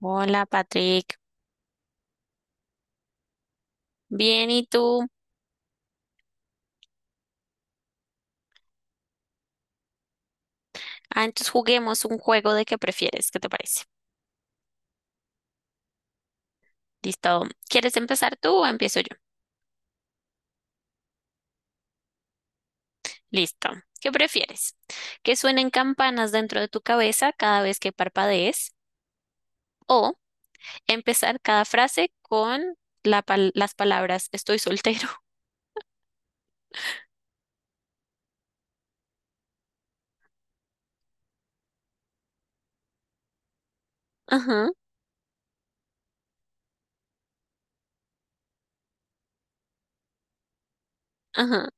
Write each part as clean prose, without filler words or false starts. Hola, Patrick. Bien, ¿y tú? Ah, entonces juguemos un juego de qué prefieres. ¿Qué te parece? Listo. ¿Quieres empezar tú o empiezo yo? Listo. ¿Qué prefieres? ¿Que suenen campanas dentro de tu cabeza cada vez que parpadees? ¿O empezar cada frase con las palabras estoy soltero? Ajá, ajá.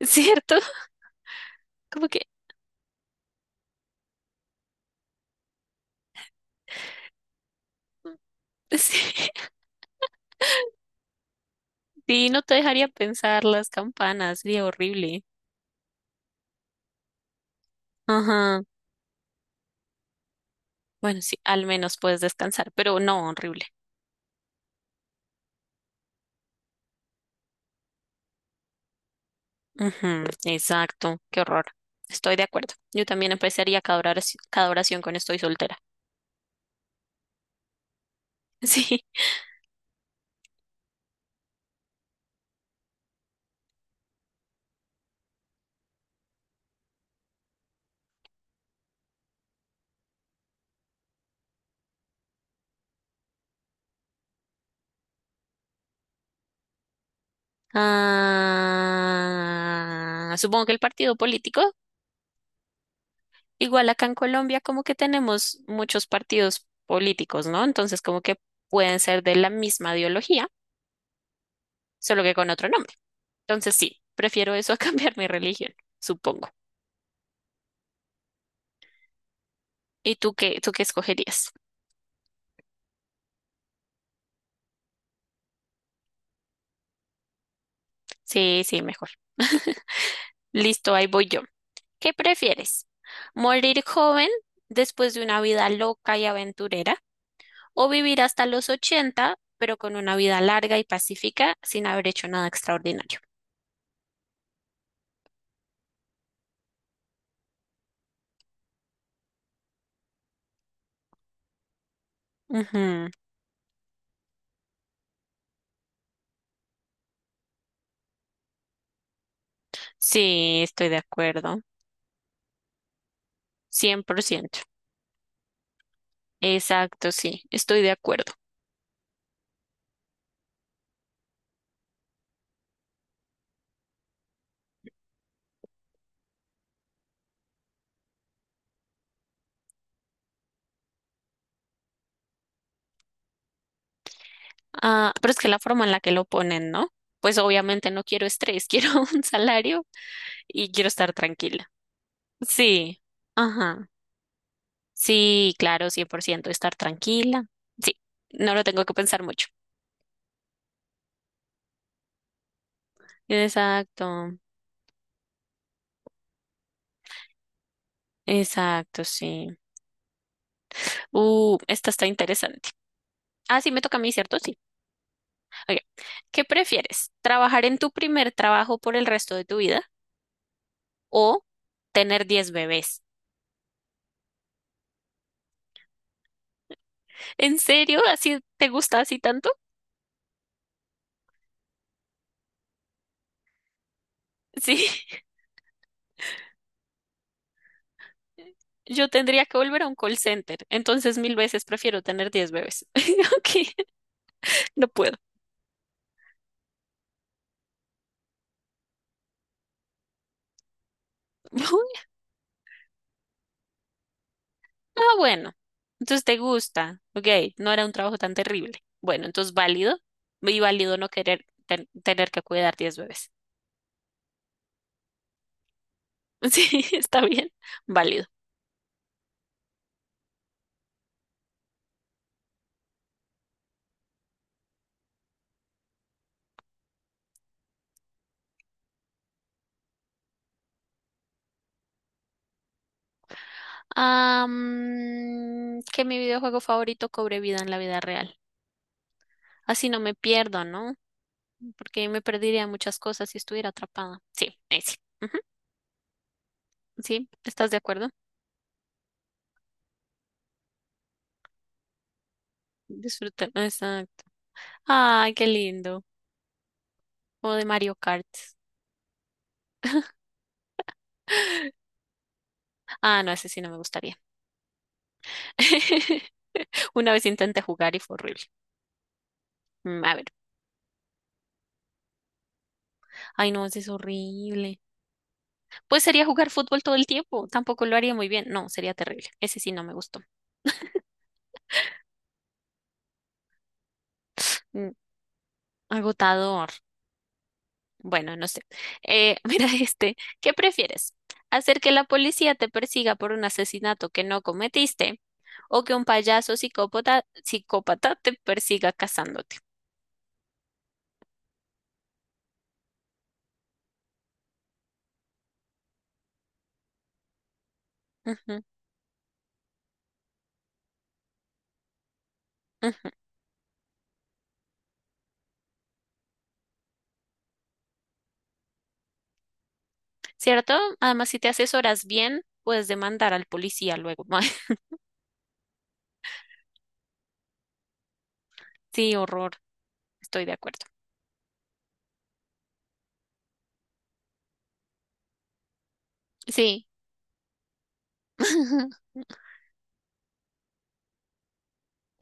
¿Cierto? Como que sí. Sí, no te dejaría pensar las campanas. Sería horrible. Ajá. Bueno, sí, al menos puedes descansar, pero no, horrible. Ujú, exacto, qué horror. Estoy de acuerdo. Yo también empezaría cada oración con estoy soltera. Sí. Ah, supongo que el partido político, igual acá en Colombia, como que tenemos muchos partidos políticos, ¿no? Entonces, como que pueden ser de la misma ideología, solo que con otro nombre. Entonces, sí, prefiero eso a cambiar mi religión, supongo. ¿Y tú qué escogerías? Sí, sí, mejor. Listo, ahí voy yo. ¿Qué prefieres? ¿Morir joven después de una vida loca y aventurera o vivir hasta los 80 pero con una vida larga y pacífica sin haber hecho nada extraordinario? Ujú. Sí, estoy de acuerdo. 100%. Exacto, sí, estoy de acuerdo. Ah, pero es que la forma en la que lo ponen, ¿no? Pues obviamente no quiero estrés, quiero un salario y quiero estar tranquila. Sí, ajá. Sí, claro, 100% estar tranquila. Sí, no lo tengo que pensar mucho. Exacto, exacto, sí. Esta está interesante. Ah, sí, me toca a mí, ¿cierto? Sí. Ok. ¿Qué prefieres? ¿Trabajar en tu primer trabajo por el resto de tu vida o tener 10 bebés? ¿En serio? ¿Así te gusta así tanto? Sí. Yo tendría que volver a un call center, entonces mil veces prefiero tener 10 bebés. Ok, no puedo. Ah, bueno, entonces te gusta. Ok, no era un trabajo tan terrible. Bueno, entonces válido. Y válido no querer tener que cuidar 10 bebés. Sí, está bien. Válido. Que mi videojuego favorito cobre vida en la vida real. Así no me pierdo, ¿no? Porque me perdería muchas cosas si estuviera atrapada. Sí, ese. Ujú. Sí, ¿estás de acuerdo? Disfruta. Exacto. Ay, qué lindo. O de Mario Kart. Ah, no, ese sí no me gustaría. Una vez intenté jugar y fue horrible. A ver, ay no, ese es horrible. Pues sería jugar fútbol todo el tiempo, tampoco lo haría muy bien. No, sería terrible. Ese sí no me gustó. Mm, Agotador. Bueno, no sé. Mira este, ¿qué prefieres? ¿Hacer que la policía te persiga por un asesinato que no cometiste o que un payaso psicópata te persiga cazándote? Ujú, ujú. ¿Cierto? Además, si te asesoras bien, puedes demandar al policía luego. Sí, horror. Estoy de acuerdo. Sí.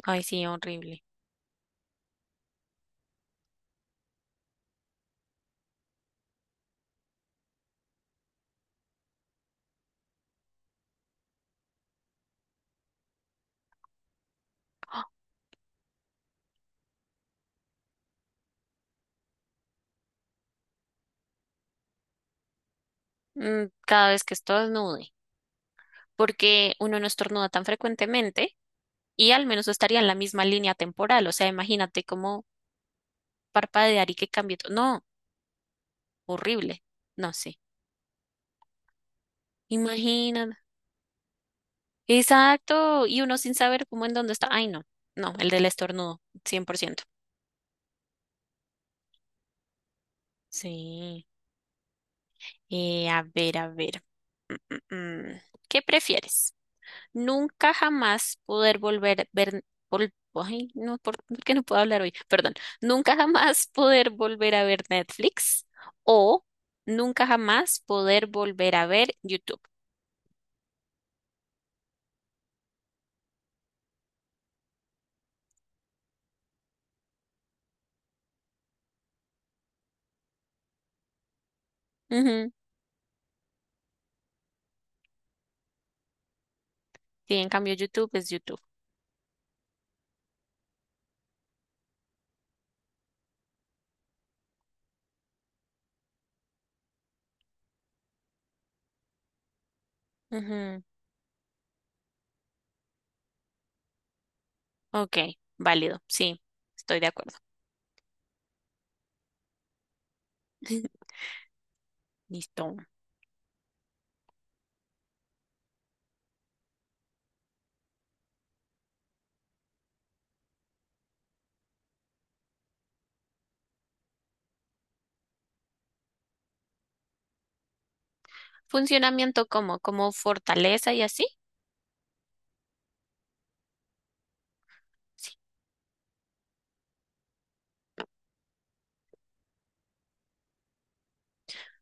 Ay, sí, horrible. Cada vez que estornude, porque uno no estornuda tan frecuentemente y al menos no estaría en la misma línea temporal. O sea, imagínate cómo parpadear y que cambie todo. No, horrible. No sé. Imagina. Exacto. Y uno sin saber cómo en dónde está. Ay, no. No, el del estornudo, 100%. Sí. A ver, a ver. Mm, mm. ¿Qué prefieres? Nunca jamás poder volver ver vol- ay, no, ¿por qué no puedo hablar hoy? Perdón. Nunca jamás poder volver a ver Netflix o nunca jamás poder volver a ver YouTube. Ujú. Sí, en cambio YouTube es YouTube. Ujú. Ok, válido. Sí, estoy de acuerdo. Listo. Funcionamiento como fortaleza y así. Sí.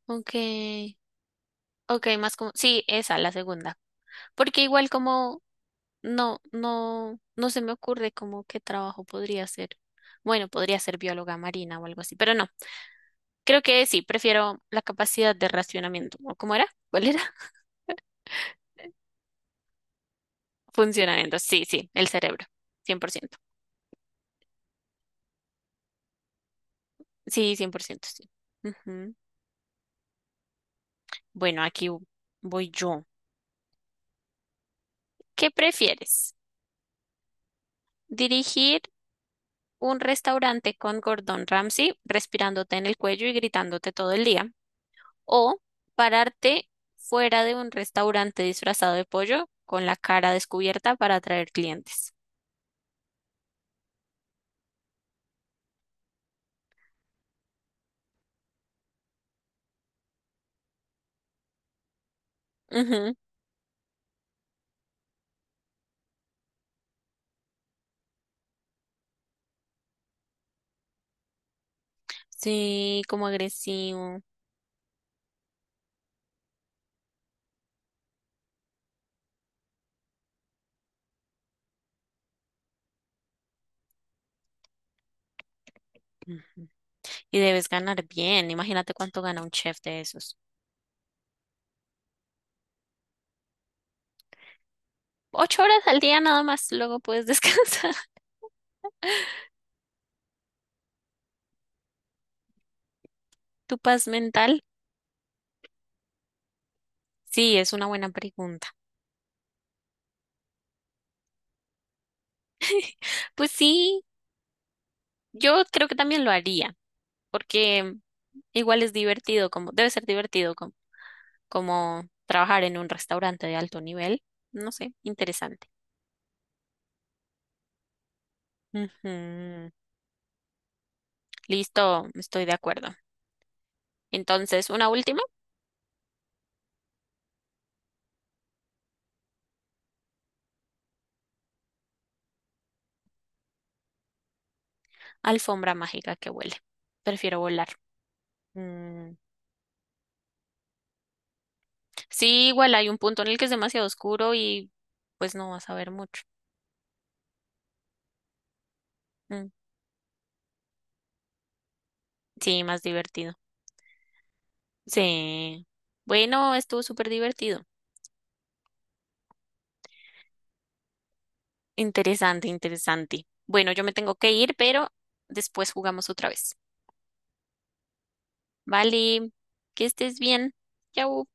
Ok. Ok, más como, sí, esa, la segunda. Porque igual como. No, no, no se me ocurre como qué trabajo podría ser. Bueno, podría ser bióloga marina o algo así, pero no. Creo que sí, prefiero la capacidad de racionamiento. ¿O cómo era? ¿Cuál era? Funcionamiento. Sí, sí, el cerebro. 100%. Sí, 100%, sí. Ujú. Bueno, aquí voy yo. ¿Qué prefieres? ¿Dirigir un restaurante con Gordon Ramsay respirándote en el cuello y gritándote todo el día? O pararte fuera de un restaurante disfrazado de pollo con la cara descubierta para atraer clientes. Ujú. Sí, como agresivo. Ujú. Y debes ganar bien. Imagínate cuánto gana un chef de esos. 8 horas al día nada más, luego puedes descansar. ¿Tu paz mental? Sí, es una buena pregunta. Pues sí, yo creo que también lo haría. Porque igual es divertido, como debe ser divertido como trabajar en un restaurante de alto nivel. No sé, interesante. Ujú. Listo, estoy de acuerdo. Entonces, una última, alfombra mágica que huele. Prefiero volar. Mm, Sí, igual hay un punto en el que es demasiado oscuro y pues no vas a ver mucho. Mm, Sí, más divertido. Sí. Bueno, estuvo súper divertido. Interesante, interesante. Bueno, yo me tengo que ir, pero después jugamos otra vez. Vale, que estés bien. Chao.